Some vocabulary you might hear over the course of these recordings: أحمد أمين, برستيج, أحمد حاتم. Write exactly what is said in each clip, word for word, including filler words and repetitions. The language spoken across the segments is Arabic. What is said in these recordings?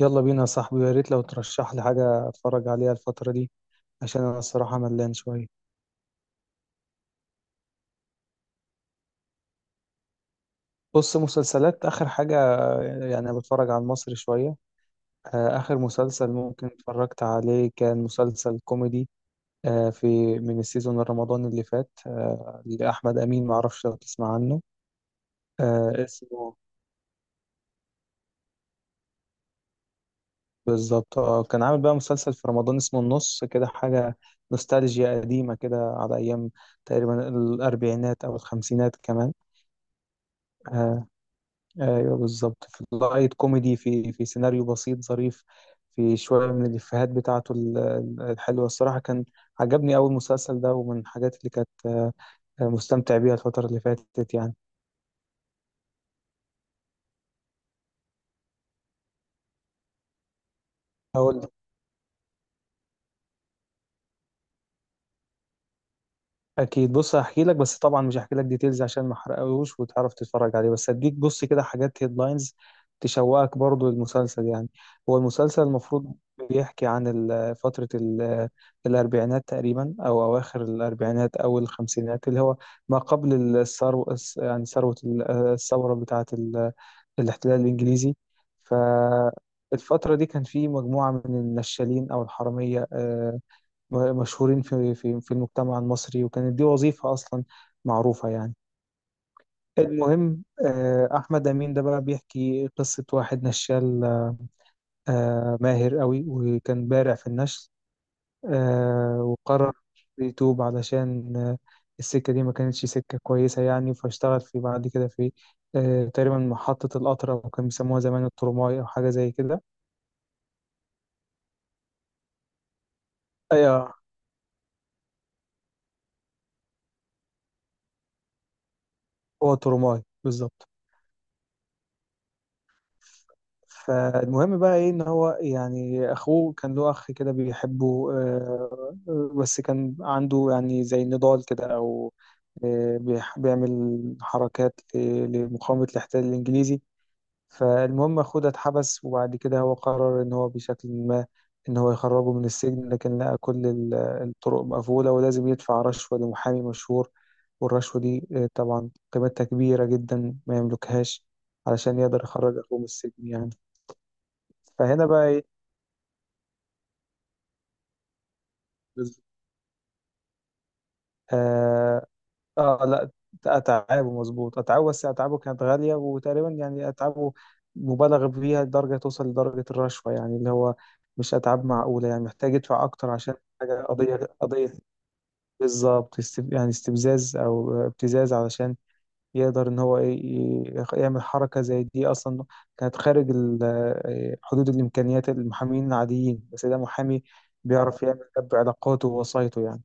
يلا بينا يا صاحبي، يا ريت لو ترشح لي حاجة اتفرج عليها الفترة دي عشان انا الصراحة ملان شوية. بص، مسلسلات اخر حاجة، يعني بتفرج على المصري شوية. آه، اخر مسلسل ممكن اتفرجت عليه كان مسلسل كوميدي. آه، في من السيزون الرمضان اللي فات، آه، لأحمد أمين، معرفش لو تسمع عنه. آه، اسمه بالظبط، آه، كان عامل بقى مسلسل في رمضان اسمه النص كده حاجة، نوستالجيا قديمة كده على أيام تقريبا الأربعينات أو الخمسينات كمان. آه، ايوه بالظبط، في لايت كوميدي، في في سيناريو بسيط ظريف، في شويه من الافيهات بتاعته ال- ال- الحلوه. الصراحه كان عجبني اول مسلسل ده، ومن الحاجات اللي كانت آه، مستمتع بيها الفتره اللي فاتت يعني. اقول، اكيد بص هحكي لك، بس طبعا مش هحكي لك ديتيلز عشان ما احرقهوش وتعرف تتفرج عليه، بس هديك بص كده حاجات هيدلاينز تشوقك برضو المسلسل يعني. هو المسلسل المفروض بيحكي عن ال- فترة ال- الأربعينات تقريبا، أو أواخر الأربعينات أو الخمسينات، اللي هو ما قبل الثروة، يعني ثروة ال- الثورة بتاعة ال- الاحتلال الإنجليزي. فالفترة دي كان في مجموعة من النشالين أو الحرامية، آه، مشهورين في في في المجتمع المصري، وكانت دي وظيفة أصلا معروفة يعني. المهم، آه، أحمد أمين ده بقى بيحكي قصة واحد نشال، آه، ماهر قوي وكان بارع في النشل، آه، وقرر يتوب علشان آه، السكة دي ما كانتش سكة كويسة يعني. فاشتغل في بعد كده في آه، تقريبا محطة القطر، أو كان بيسموها زمان الترماي أو حاجة زي كده. أيوة، هو ترماي بالظبط. فالمهم بقى ايه ان هو، يعني اخوه كان له اخ كده بيحبه، آه، آه، بس كان عنده يعني زي نضال كده او آه، بيح- بيعمل حركات ل- لمقاومة الاحتلال الانجليزي. فالمهم أخوه ده اتحبس، وبعد كده هو قرر إن هو بشكل ما، إن هو يخرجه من السجن، لكن لقى كل ال- الطرق مقفولة ولازم يدفع رشوة لمحامي مشهور. والرشوة دي آه، طبعا قيمتها كبيرة جدا ما يملكهاش، علشان يقدر يخرج أخوه من السجن يعني. فهنا بقى إيه، بالظبط. اه لا، اتعابه، مظبوط اتعابه، بس اتعابه كانت غاليه، وتقريبا يعني اتعابه مبالغ فيها لدرجه توصل لدرجه الرشوه، يعني اللي هو مش اتعاب معقوله، يعني محتاج يدفع اكتر عشان حاجه قضيه قضيه. بالظبط، است- يعني استفزاز او ابتزاز، علشان يقدر ان هو ي- ي- يعمل حركه زي دي. اصلا كانت خارج ال- حدود الامكانيات المحامين العاديين، بس ده محامي بيعرف يعمل ده بعلاقاته ووسايطه يعني.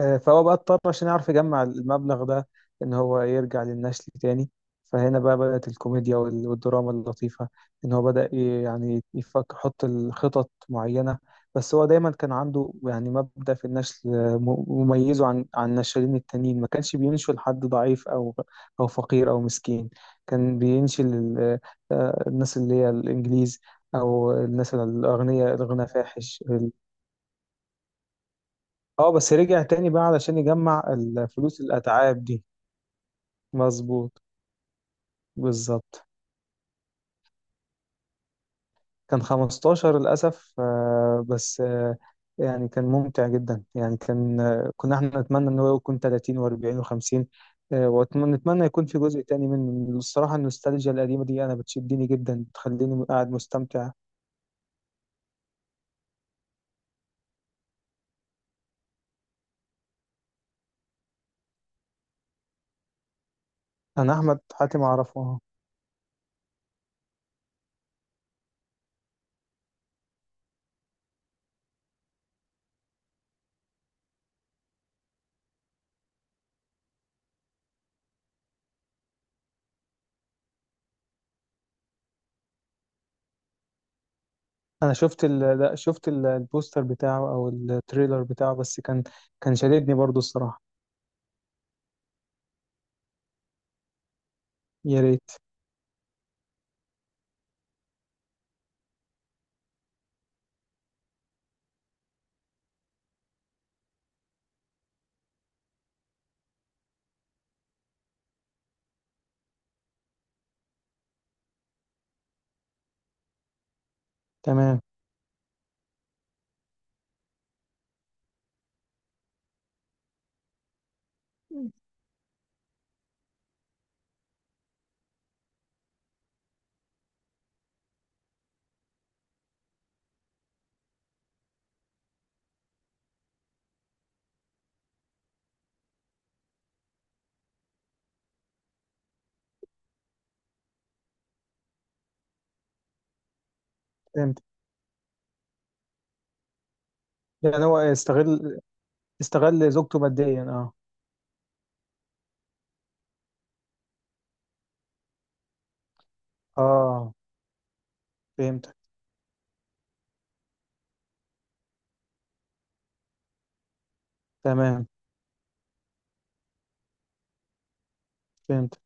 آه، فهو بقى اضطر عشان يعرف يجمع المبلغ ده، ان هو يرجع للنشل تاني. فهنا بقى بدأت الكوميديا وال- والدراما اللطيفة، ان هو بدأ ي- يعني يفكر يحط الخطط معينة. بس هو دايما كان عنده يعني مبدأ في النشل، آه، م- مميزه عن عن النشالين التانيين، ما كانش بينشل حد ضعيف او او فقير او مسكين. كان بينشل ال- آه، الناس اللي هي الانجليز، او الناس الاغنياء الغنى فاحش. اه، بس رجع تاني بقى علشان يجمع الفلوس الأتعاب دي. مظبوط، بالظبط. كان خمستاشر للأسف، آه، بس آه، يعني كان ممتع جدا، يعني كان، آه، كنا احنا نتمنى ان هو يكون ثلاثين و40 و50، ونتمنى يكون في جزء تاني منه. الصراحة النوستالجيا القديمة دي أنا بتشدني جدا، بتخليني قاعد مستمتع. أنا أحمد حاتم أعرفه أهو. أنا شفت ال... لا شفت ال- البوستر بتاعه أو التريلر بتاعه، بس كان، كان شددني برضو الصراحة. يا ريت. تمام. يعني هو استغل، استغل زوجته ماديا؟ اه. اه، فهمتك. تمام. فهمت.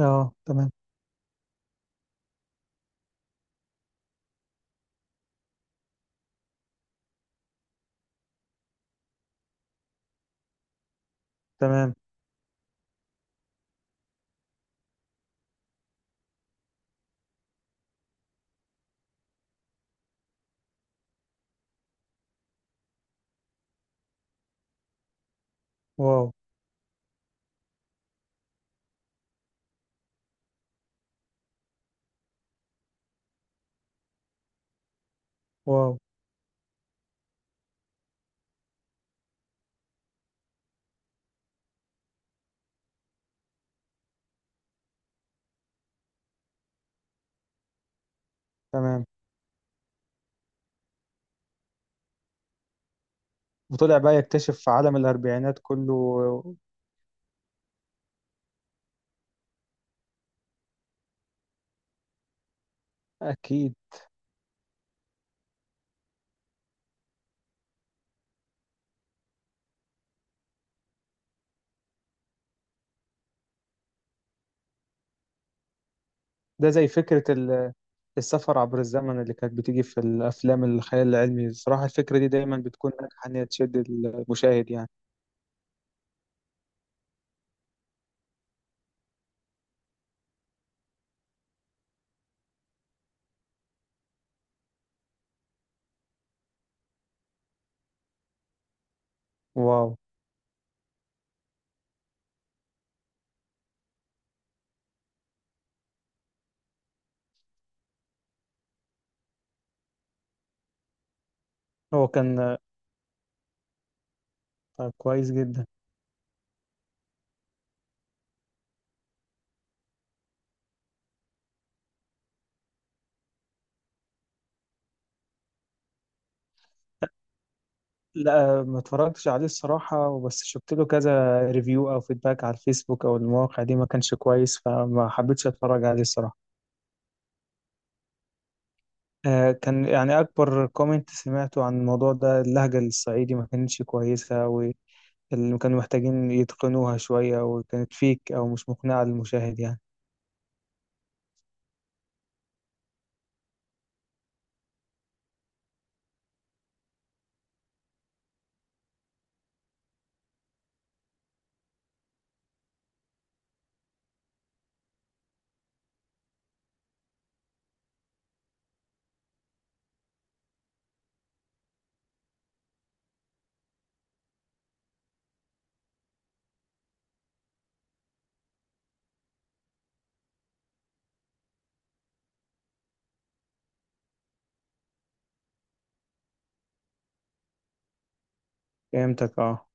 اه، تمام. تمام. واو. واو. تمام. وطلع بقى يكتشف في عالم الأربعينات كله. أكيد. ده زي فكرة ال- السفر عبر الزمن اللي كانت بتيجي في الأفلام الخيال العلمي. الصراحة الفكرة دي دايما بتكون ناجحة إن هي تشد المشاهد يعني. واو. هو كان آه، كويس جدا. لا، ما اتفرجتش عليه الصراحة، وبس شفت له كذا ريفيو أو فيدباك على الفيسبوك أو المواقع دي، ما كانش كويس، فما حبيتش أتفرج عليه الصراحة. آه، كان يعني أكبر كومنت سمعته عن الموضوع ده، اللهجة الصعيدي ما كانتش كويسة، واللي كانوا محتاجين يتقنوها شوية، وكانت فيك أو مش مقنعة للمشاهد يعني. فهمتك، اه.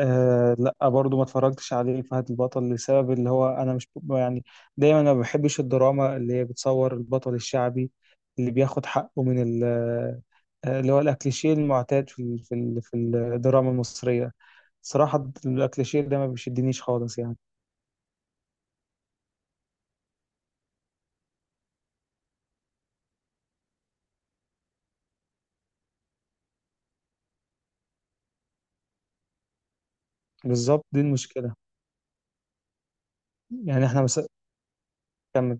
آه لا، برضو ما اتفرجتش عليه فهد البطل، لسبب اللي هو انا مش يعني، دايما انا ما بحبش الدراما اللي هي بتصور البطل الشعبي اللي بياخد حقه من ال- آه، اللي هو الاكليشيه المعتاد في ال- في ال- في الدراما المصريه. صراحه الاكليشيه ده ما بيشدنيش خالص يعني. بالظبط، دي المشكله. يعني احنا مس... كمل.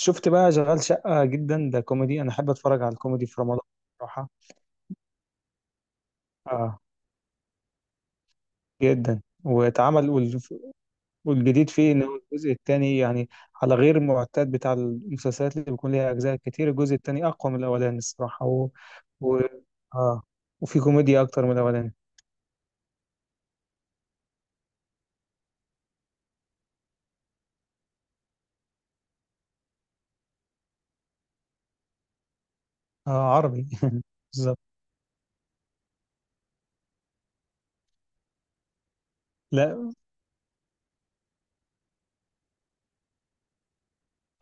شفت بقى شغال شقه جدا، ده كوميدي، انا احب اتفرج على الكوميدي في رمضان. بصراحه، اه، جدا واتعمل. والجديد فيه ان هو الجزء الثاني، يعني على غير المعتاد بتاع المسلسلات اللي بيكون ليها اجزاء كتير، الجزء الثاني اقوى من الاولاني الصراحه، و... و... اه، وفي كوميديا اكتر من الاولاني. اه عربي بالظبط. لا.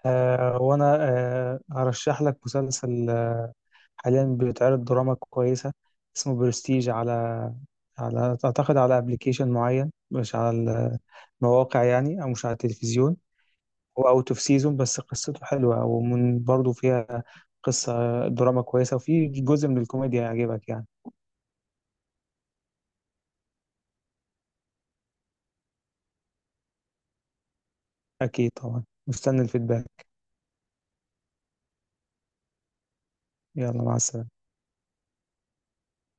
آه وانا آه هرشح لك مسلسل، آه حاليا بيتعرض دراما كويسه اسمه برستيج، على على اعتقد على ابلكيشن معين، مش على المواقع يعني، او مش على التلفزيون. هو اوت اوف سيزون، بس قصته حلوه، ومن برضه فيها قصه دراما كويسه، وفي جزء من الكوميديا يعجبك يعني. اكيد طبعا، مستني الفيدباك. يلا مع السلامه.